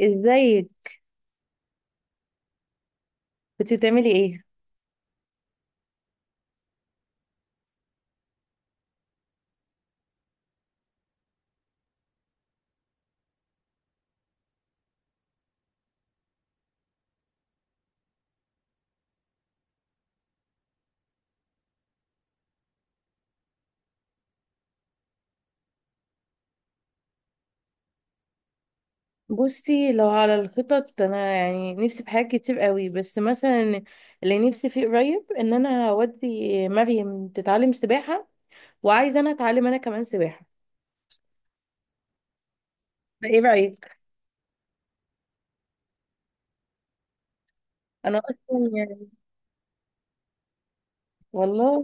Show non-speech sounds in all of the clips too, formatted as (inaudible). ازيك؟ كنت بتعملي ايه؟ بصي، لو على الخطط انا يعني نفسي في حاجات كتير قوي، بس مثلا اللي نفسي فيه قريب ان انا اودي مريم تتعلم سباحة. وعايزه انا اتعلم انا كمان سباحة. فايه رأيك؟ انا اصلا يعني. والله.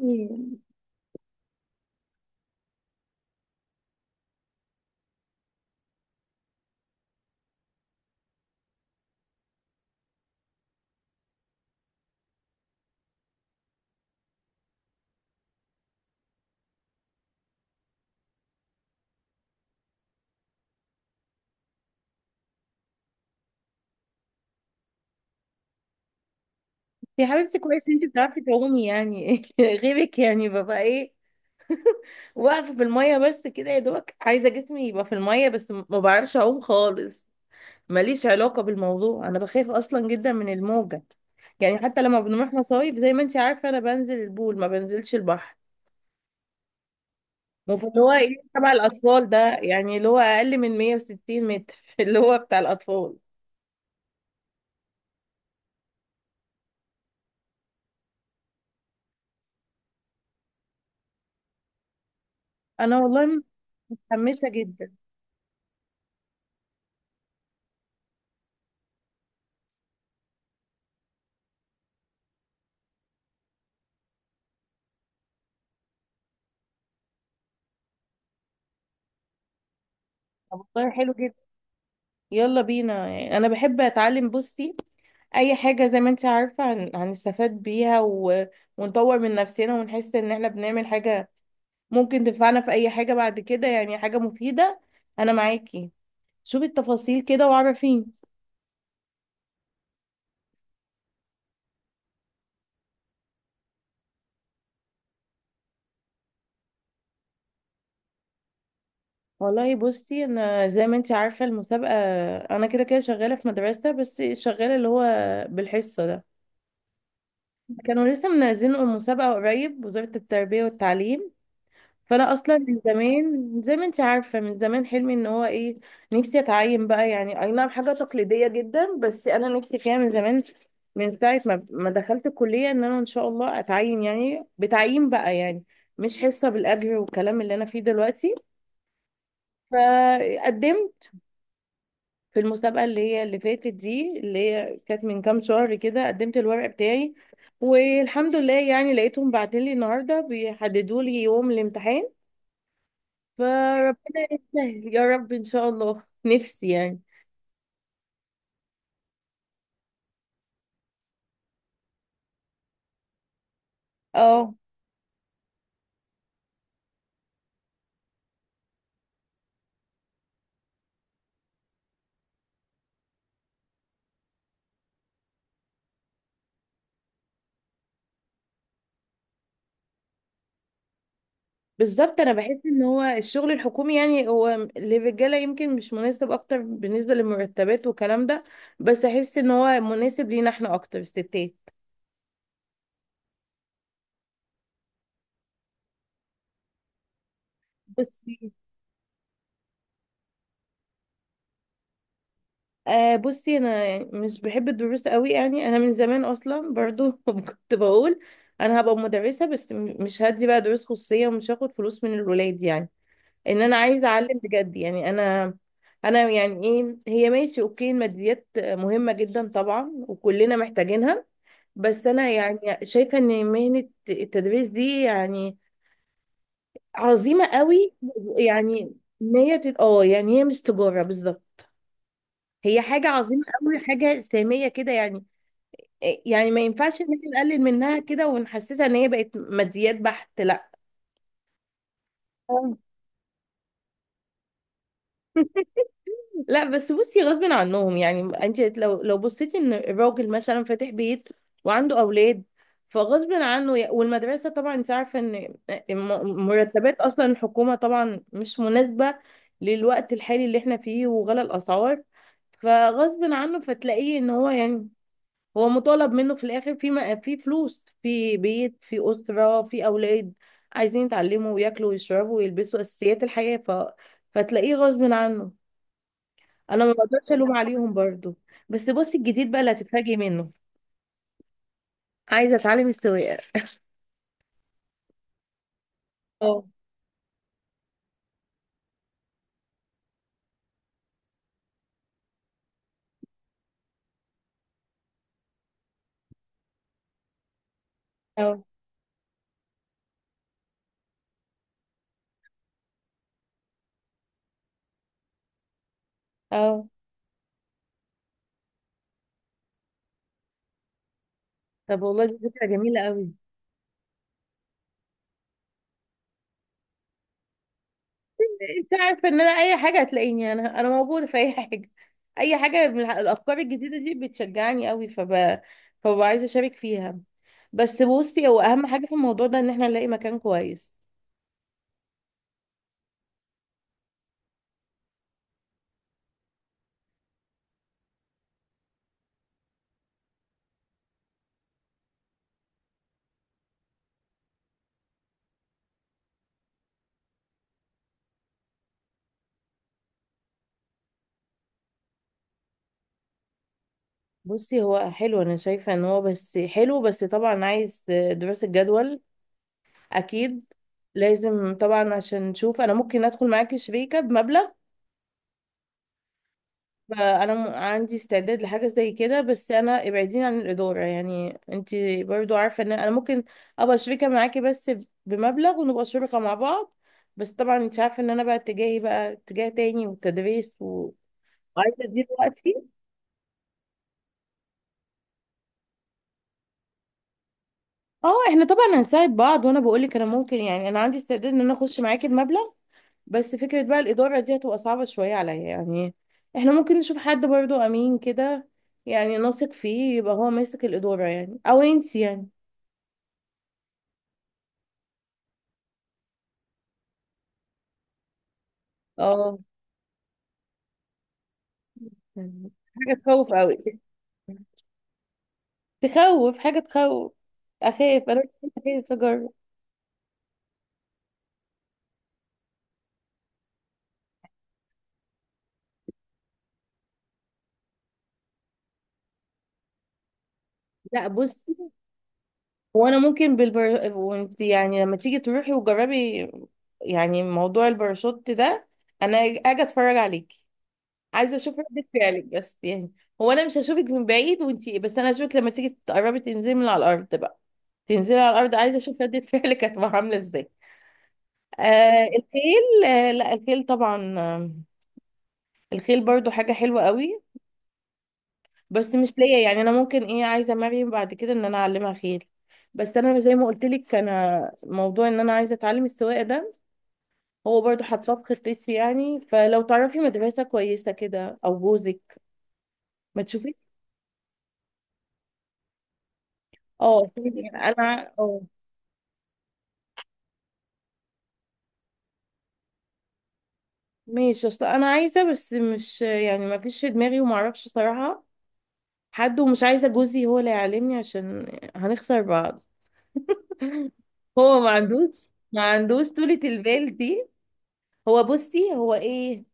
يا حبيبتي، كويس انت بتعرفي تعومي يعني (laughs) غيرك يعني ببقى ايه؟ واقفة في المية بس كده يا دوبك، عايزة جسمي يبقى في المية بس ما بعرفش اعوم خالص. ماليش علاقة بالموضوع، انا بخاف اصلا جدا من الموجة. يعني حتى لما بنروح مصايف زي ما انت عارفة، انا بنزل البول ما بنزلش البحر. وفي اللي هو ايه تبع الاطفال ده، يعني اللي هو اقل من 160 متر (laughs) اللي هو بتاع الاطفال. انا والله متحمسة جدا. طب والله حلو جدا. يلا بينا، يعني انا بحب اتعلم. بصي، اي حاجة زي ما انت عارفة هنستفاد بيها ونطور من نفسنا ونحس ان احنا بنعمل حاجة ممكن تنفعنا في اي حاجة بعد كده، يعني حاجة مفيدة. انا معاكي. شوفي التفاصيل كده وعرفيني. والله، بصي، انا زي ما انت عارفه المسابقه، انا كده كده شغاله في مدرسه بس شغاله اللي هو بالحصه ده. كانوا لسه منزلين المسابقه قريب، وزاره التربيه والتعليم. فانا اصلا من زمان زي ما انت عارفه، من زمان حلمي ان هو ايه، نفسي اتعين بقى. يعني اي نعم، حاجه تقليديه جدا بس انا نفسي فيها من زمان، من ساعه ما دخلت الكليه ان انا ان شاء الله اتعين، يعني بتعيين بقى، يعني مش حصه بالاجر والكلام اللي انا فيه دلوقتي. فقدمت في المسابقة اللي هي اللي فاتت دي، اللي هي كانت من كام شهر كده، قدمت الورق بتاعي. والحمد لله، يعني لقيتهم بعتلي النهاردة بيحددوا لي يوم الامتحان. فربنا يسهل يا رب، إن شاء الله نفسي يعني. اه. بالظبط، انا بحس ان هو الشغل الحكومي، يعني هو للرجاله يمكن مش مناسب اكتر بالنسبه للمرتبات والكلام ده، بس احس ان هو مناسب لينا احنا اكتر الستات. بس بصي، انا يعني مش بحب الدروس قوي. يعني انا من زمان اصلا برضو (laughs) كنت بقول انا هبقى مدرسه، بس مش هدي بقى دروس خصوصيه ومش هاخد فلوس من الولاد، يعني ان انا عايزه اعلم بجد. يعني انا يعني ايه هي، ماشي اوكي، الماديات مهمه جدا طبعا وكلنا محتاجينها. بس انا يعني شايفه ان مهنه التدريس دي يعني عظيمه قوي. يعني ان هي يعني هي مش تجاره بالظبط، هي حاجه عظيمه قوي، حاجه ساميه كده يعني ما ينفعش ان احنا نقلل منها كده ونحسسها ان هي بقت ماديات بحت، لا. آه. (laughs) لا، بس بصي، غصب عنهم يعني. انت لو بصيتي ان الراجل مثلا فاتح بيت وعنده اولاد، فغصب عنه والمدرسه طبعا انت عارفه ان مرتبات اصلا الحكومه طبعا مش مناسبه للوقت الحالي اللي احنا فيه وغلا الاسعار. فغصب عنه، فتلاقيه ان هو يعني، هو مطالب منه في الاخر، في في فلوس، في بيت، في اسره، في اولاد عايزين يتعلموا وياكلوا ويشربوا ويلبسوا اساسيات الحياه. فتلاقيه غصب عنه. انا ما بقدرش الوم (laughs) عليهم برضو. بس بصي، الجديد بقى اللي هتتفاجئي منه، عايزه اتعلم السواقه. اه. اه. اه. طب والله، دي فكره جميله قوي. انت عارفه ان انا اي حاجه هتلاقيني، انا موجوده في اي حاجه. اي حاجه من الافكار الجديده دي بتشجعني قوي. فببقى عايزه اشارك فيها. بس بصي، هو اهم حاجه في الموضوع ده ان احنا نلاقي مكان كويس. بصي، هو حلو، انا شايفه ان هو بس حلو، بس طبعا عايز دراسه جدول. اكيد، لازم طبعا عشان نشوف انا ممكن ادخل معاكي شريكه بمبلغ. فانا عندي استعداد لحاجه زي كده، بس انا ابعديني عن الاداره، يعني انت برضو عارفه ان انا ممكن ابقى شريكه معاكي بس بمبلغ ونبقى شركاء مع بعض. بس طبعا انت عارفه ان انا بقى اتجاهي بقى اتجاه تاني والتدريس، وعايزه دي دلوقتي. اه، احنا طبعا هنساعد بعض. وانا بقول لك انا ممكن، يعني انا عندي استعداد ان انا اخش معاكي بمبلغ، بس فكره بقى الاداره دي هتبقى صعبه شويه عليا يعني. احنا ممكن نشوف حد برضو امين كده، يعني نثق فيه يبقى هو ماسك الاداره، يعني او انت يعني. اه، حاجة تخوف قوي. تخوف، حاجة تخوف. أخاف أنا، عايزة أجرب. لا، بصي، هو أنا ممكن بالبر، وأنت يعني لما تيجي تروحي وجربي يعني موضوع الباراشوت ده، أنا أجي أتفرج عليكي. عايزة أشوف ردة فعلك بس، يعني هو أنا مش هشوفك من بعيد وأنت، بس أنا هشوفك لما تيجي تقربي تنزلي من على الأرض بقى. تنزلي على الأرض، عايزة أشوف ردة (laughs) فعلك هتبقى عاملة إزاي. آه الخيل، آه لا الخيل طبعا آه. الخيل برضو حاجة حلوة قوي، بس مش ليا. يعني انا ممكن ايه، عايزه مريم بعد كده ان انا اعلمها خيل. بس انا زي ما قلت لك، انا موضوع ان انا عايزه اتعلم السواقه ده، هو برضو حاطاه في خطتي. يعني فلو تعرفي مدرسه كويسه كده، او جوزك ما تشوفي. اه يعني انا اه. ماشي. اصل انا عايزه بس مش يعني ما فيش في دماغي وما اعرفش صراحه حد، ومش عايزه جوزي هو اللي يعلمني عشان هنخسر بعض. هو ما عندوش ما عندوش طولة البال دي. هو بصي هو ايه،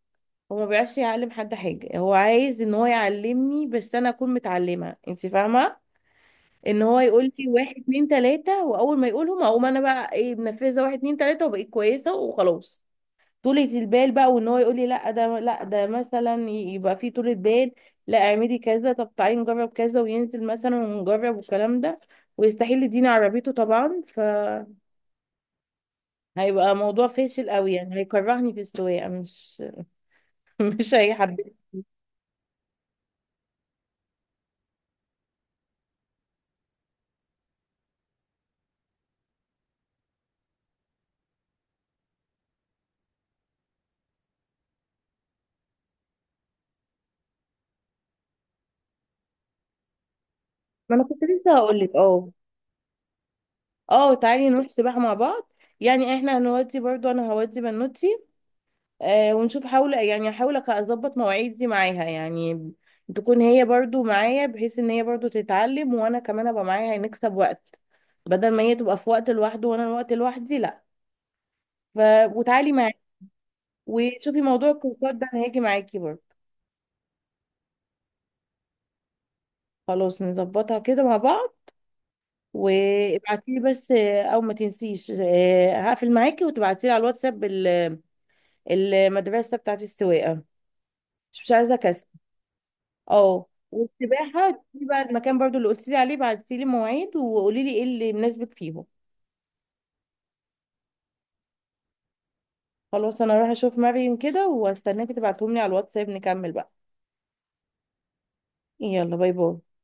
هو ما بيعرفش يعلم حد حاجة. هو عايز ان هو يعلمني بس انا اكون متعلمة. انت فاهمة، ان هو يقول لي واحد اتنين تلاتة، واول ما يقولهم اقوم انا بقى ايه منفذة واحد اتنين تلاتة، وبقيت كويسة وخلاص طولة البال بقى. وان هو يقول لي لا ده لا ده مثلا، يبقى في طولة بال، لا اعملي كذا، طب تعالي نجرب كذا، وينزل مثلا ونجرب والكلام ده. ويستحيل يديني عربيته طبعا. فهيبقى موضوع فاشل قوي يعني، هيكرهني في السواقة مش (laughs) مش هيحببني. ما انا كنت لسه هقول لك. اه، اه، تعالي نروح سباحة مع بعض. يعني احنا هنودي، برضو انا هودي بنوتي ونشوف. حاول، يعني احاول اظبط مواعيدي معاها، يعني تكون هي برضو معايا بحيث ان هي برضو تتعلم وانا كمان ابقى معايا، نكسب وقت بدل ما هي تبقى في وقت لوحده وانا الوقت لوحدي، لا. ف... وتعالي معايا. وشوفي موضوع الكورسات ده انا هاجي معاكي برضو. خلاص، نظبطها كده مع بعض. وابعتيلي بس، او ما تنسيش، هقفل معاكي وتبعتيلي على الواتساب المدرسة بتاعت السواقة. مش عايزه كسل. اه، والسباحه تشوفي بقى المكان برضو اللي قلت لي عليه، بعتي لي مواعيد وقولي لي ايه اللي مناسبك فيهم. خلاص، انا هروح اشوف مريم كده واستناكي تبعتهم لي على الواتساب، نكمل بقى. يلا، باي باي.